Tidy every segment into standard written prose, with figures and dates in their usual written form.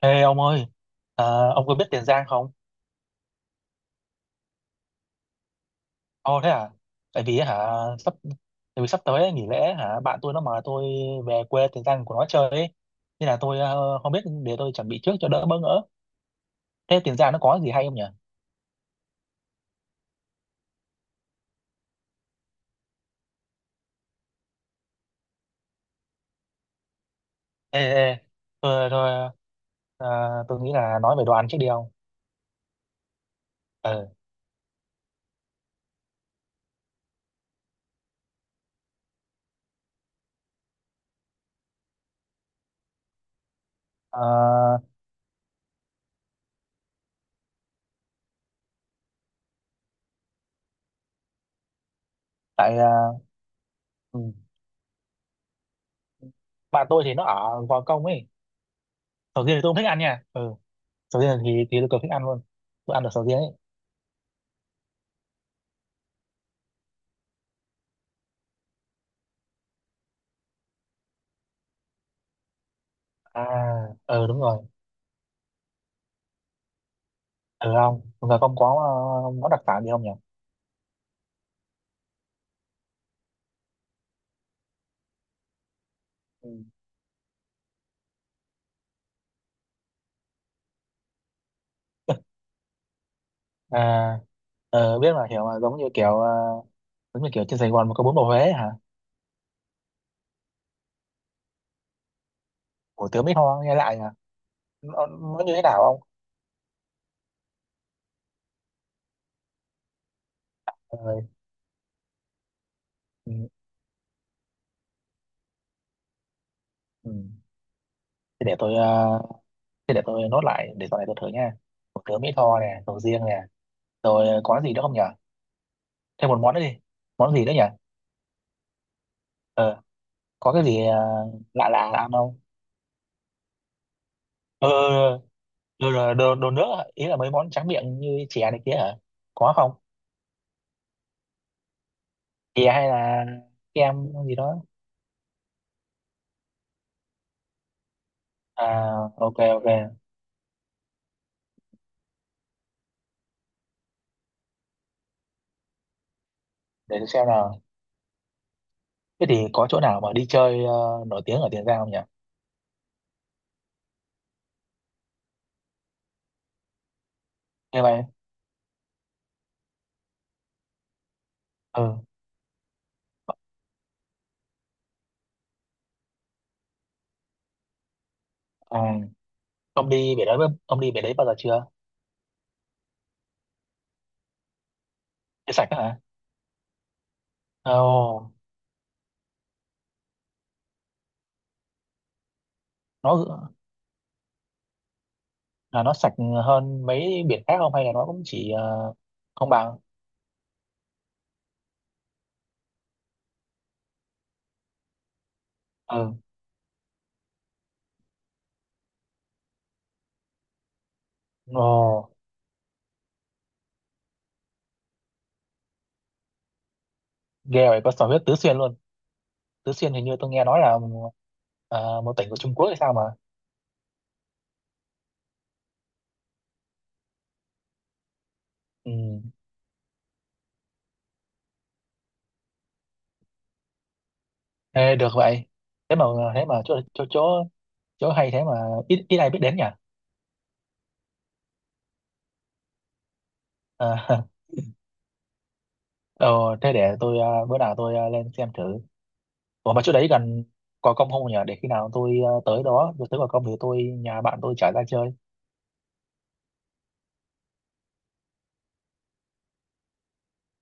Ê ông ơi, à, ông có biết Tiền Giang không? Ồ thế à? Tại vì hả sắp Tại vì sắp tới ấy, nghỉ lễ hả, bạn tôi nó mời tôi về quê Tiền Giang của nó chơi ấy. Nên là tôi không biết, để tôi chuẩn bị trước cho đỡ bỡ ngỡ. Thế Tiền Giang nó có gì hay không nhỉ? Ê ê, Tôi ờ, tôi nghĩ là nói về đồ ăn trước đi ông. Ừ. Ờ, tại ờ, ừ, bạn tôi thì nó ở Gò Công ấy. Sầu riêng thì tôi không thích ăn nha. Ừ. Sầu riêng thì tôi cực thích ăn luôn. Tôi ăn được sầu riêng ấy. À, ừ đúng rồi. Ừ, không, chúng ta không có món đặc sản gì không nhỉ? Ừ. à biết mà, hiểu mà, giống như kiểu trên Sài Gòn mà có bún bò Huế ấy hả? Hủ tướng Mỹ Tho nghe lại hả? Nó như thế nào không? Ờ, ừ, ừ. Thế để tôi ờ, thế để tôi nốt lại để sau này tôi thử nha. Hủ tướng Mỹ Tho nè, sầu riêng nè, rồi có gì nữa không nhỉ? Thêm một món nữa đi. Món gì nữa nhỉ? ờ có cái gì lạ lạ ăn không? ờ ờ, đồ nước, ý là mấy món tráng miệng như chè này kia hả? Có không? Thì hay là kem gì đó. À, ok ok. Để tôi xem nào. Thế thì có chỗ nào mà đi chơi, nổi tiếng ở Tiền Giang không nhỉ? Như vậy. Ừ. À, ông đi biển đấy ông đi biển đấy bao giờ chưa? Cái sạch đó hả? Ồ, nó nó sạch hơn mấy biển khác không, hay là nó cũng chỉ không bằng. Ừ. Ồ, ghê vậy, có sò huyết Tứ Xuyên luôn. Tứ Xuyên hình như tôi nghe nói là một tỉnh của Trung Quốc hay sao mà. Ừ. Ê, được vậy. Thế mà thế mà chỗ chỗ chỗ chỗ hay, thế mà ít ít ai biết đến nhỉ? À, ờ, thế để tôi, bữa nào tôi lên xem thử. Ủa, mà chỗ đấy gần Gò Công không nhỉ, để khi nào tôi tới đó, rồi tới Gò Công thì tôi nhà bạn tôi chở ra chơi.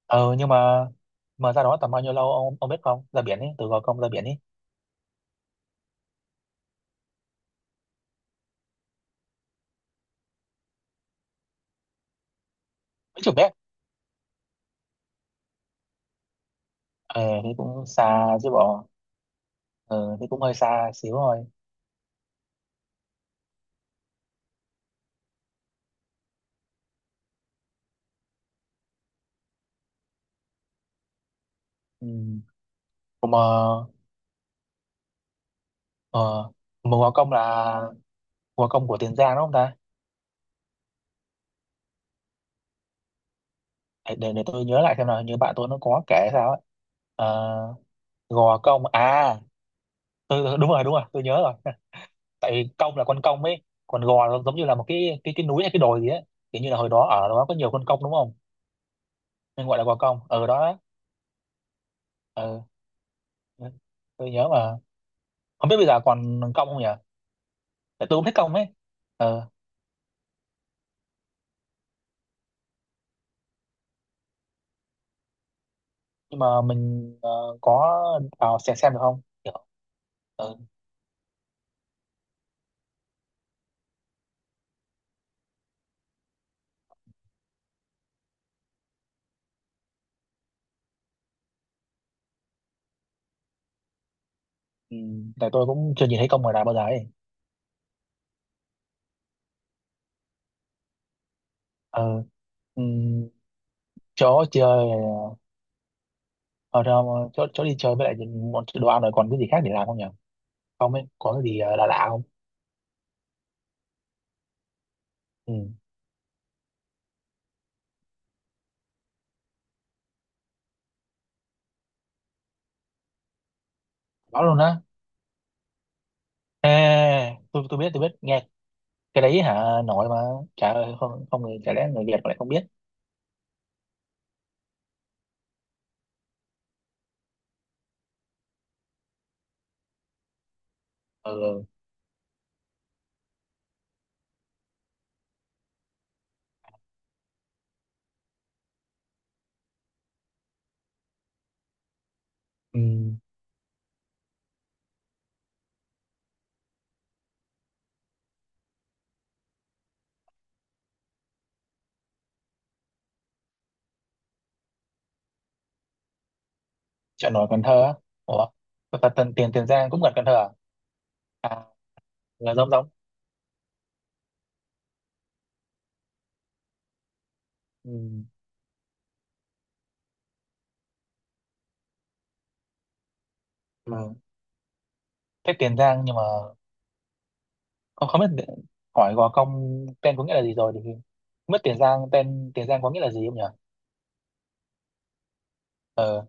Ờ nhưng mà ra đó tầm bao nhiêu lâu, ông biết không? Ra biển ấy, từ Gò Công ra biển ấy. Mấy chục mét. Ờ thì cũng xa chứ bộ. Thì cũng hơi xa xíu rồi. Ừ. Ủa ờ mà Gò Công là Gò Công của Tiền Giang đúng không ta? Để tôi nhớ lại xem nào, như bạn tôi nó có kể sao ấy. Ờ, gò công à, tôi đúng rồi, đúng rồi, tôi nhớ rồi. Tại công là con công ấy, còn gò là giống như là một cái núi hay cái đồi gì ấy. Kiểu như là hồi đó ở đó có nhiều con công đúng không, nên gọi là gò công ở đó đó. Ừ. Tôi nhớ mà, không biết bây giờ còn công không nhỉ, tại tôi cũng thích công ấy. Ừ. Nhưng mà mình có vào xem được không kiểu. Ừ. Ừ, tại tôi cũng chưa nhìn thấy công ngoài đời bao giờ ấy. Ừ. Ừ. Chỗ chơi. Ở chỗ đi chơi, với lại bọn đồ ăn rồi, còn cái gì khác để làm không nhỉ? Không ấy, có cái gì lạ lạ không? Ừ, có luôn á. À, tôi biết, tôi biết nghe. Cái đấy hả, nổi mà. Trời ơi, không, không, chả lẽ người Việt mà lại không biết. Ừ. Ừ. Chợ nổi Cần Thơ á? Ủa, T- t- tiền tiền Tiền Giang cũng gần Cần Thơ à? À, là giống giống. Ừ, mà thế Tiền Giang nhưng mà không không biết hỏi Gò Công tên có nghĩa là gì rồi, thì không biết Tiền Giang tên Tiền Giang có nghĩa là gì không nhỉ? ờ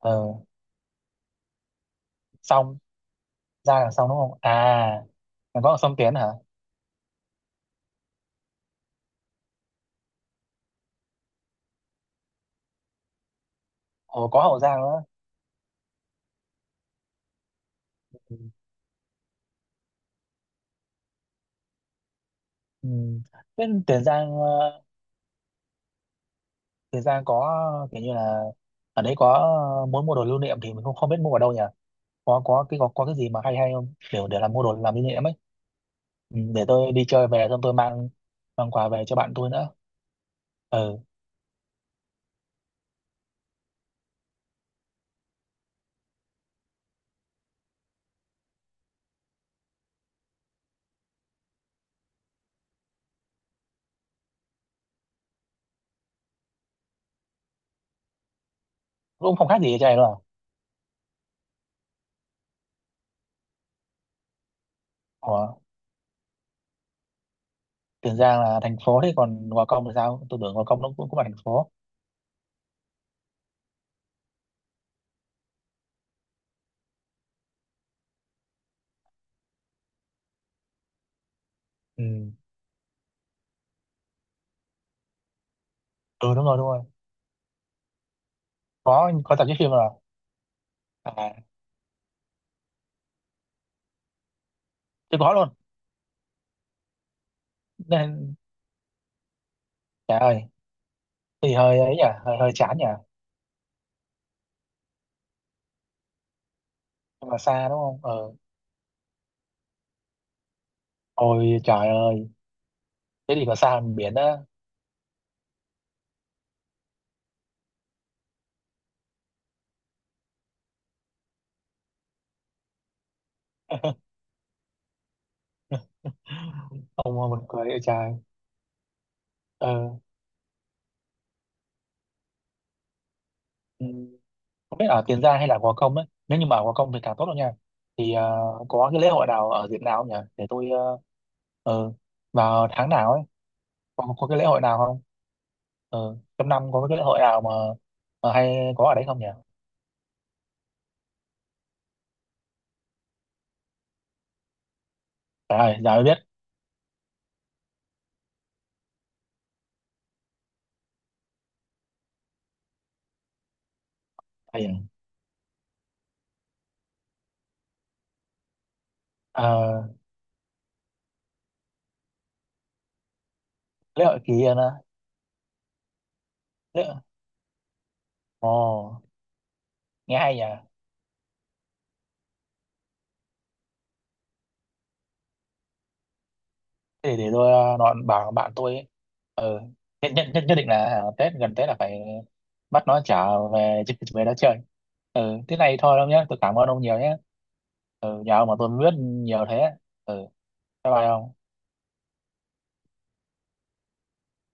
ờ xong. Giang là xong đúng không à? Còn có ở sông Tiến hả? Ồ, có Hậu Giang nữa. Ừ. Thế Tiền Giang Tiền Giang có kiểu như là ở đấy có muốn mua đồ lưu niệm thì mình không không biết mua ở đâu nhỉ? Có cái gì mà hay hay không, để làm mua đồ làm lưu niệm ấy. Ừ, để tôi đi chơi về xong tôi mang mang quà về cho bạn tôi nữa. Ừ. Cũng không khác gì cho này đâu à. Ủa, Tiền Giang là thành phố, thế còn Gò Công thì sao, tôi tưởng Gò Công nó cũng cũng là thành phố. Ừ. Ừ đúng rồi, đúng rồi, có tập chí phim rồi. À, tôi có luôn. Nên trời ơi, thì hơi ấy nhỉ, hơi hơi chán nhỉ. Nhưng mà xa đúng không? Ờ Ôi trời ơi, thế thì có xa hơn biển á. Ông mà buồn cười ơi trời. Ờ, ừ, không biết ở Tiền Giang hay là Gò Công ấy. Nếu như mà ở Gò Công thì càng tốt đâu nha. Thì có cái lễ hội nào ở dịp nào không nhỉ? Để tôi ờ, vào tháng nào ấy, có cái lễ hội nào không? Ờ, trong năm có cái lễ hội nào mà hay có ở đấy không nhỉ? Trời ơi, giờ mới biết. Hay nhỉ? Ờ, lễ hội kỳ Yên á. Lễ... Ồ, nghe hay nhỉ? Thế để tôi nói bảo bạn tôi ấy. Ờ, nhất định là hả, Tết gần Tết là phải bắt nó trở về về đó chơi. Ừ, thế này thôi đâu nhé, tôi cảm ơn ông nhiều nhé. Ừ, nhờ ông mà tôi mới biết nhiều thế. Ừ, bye bye ông.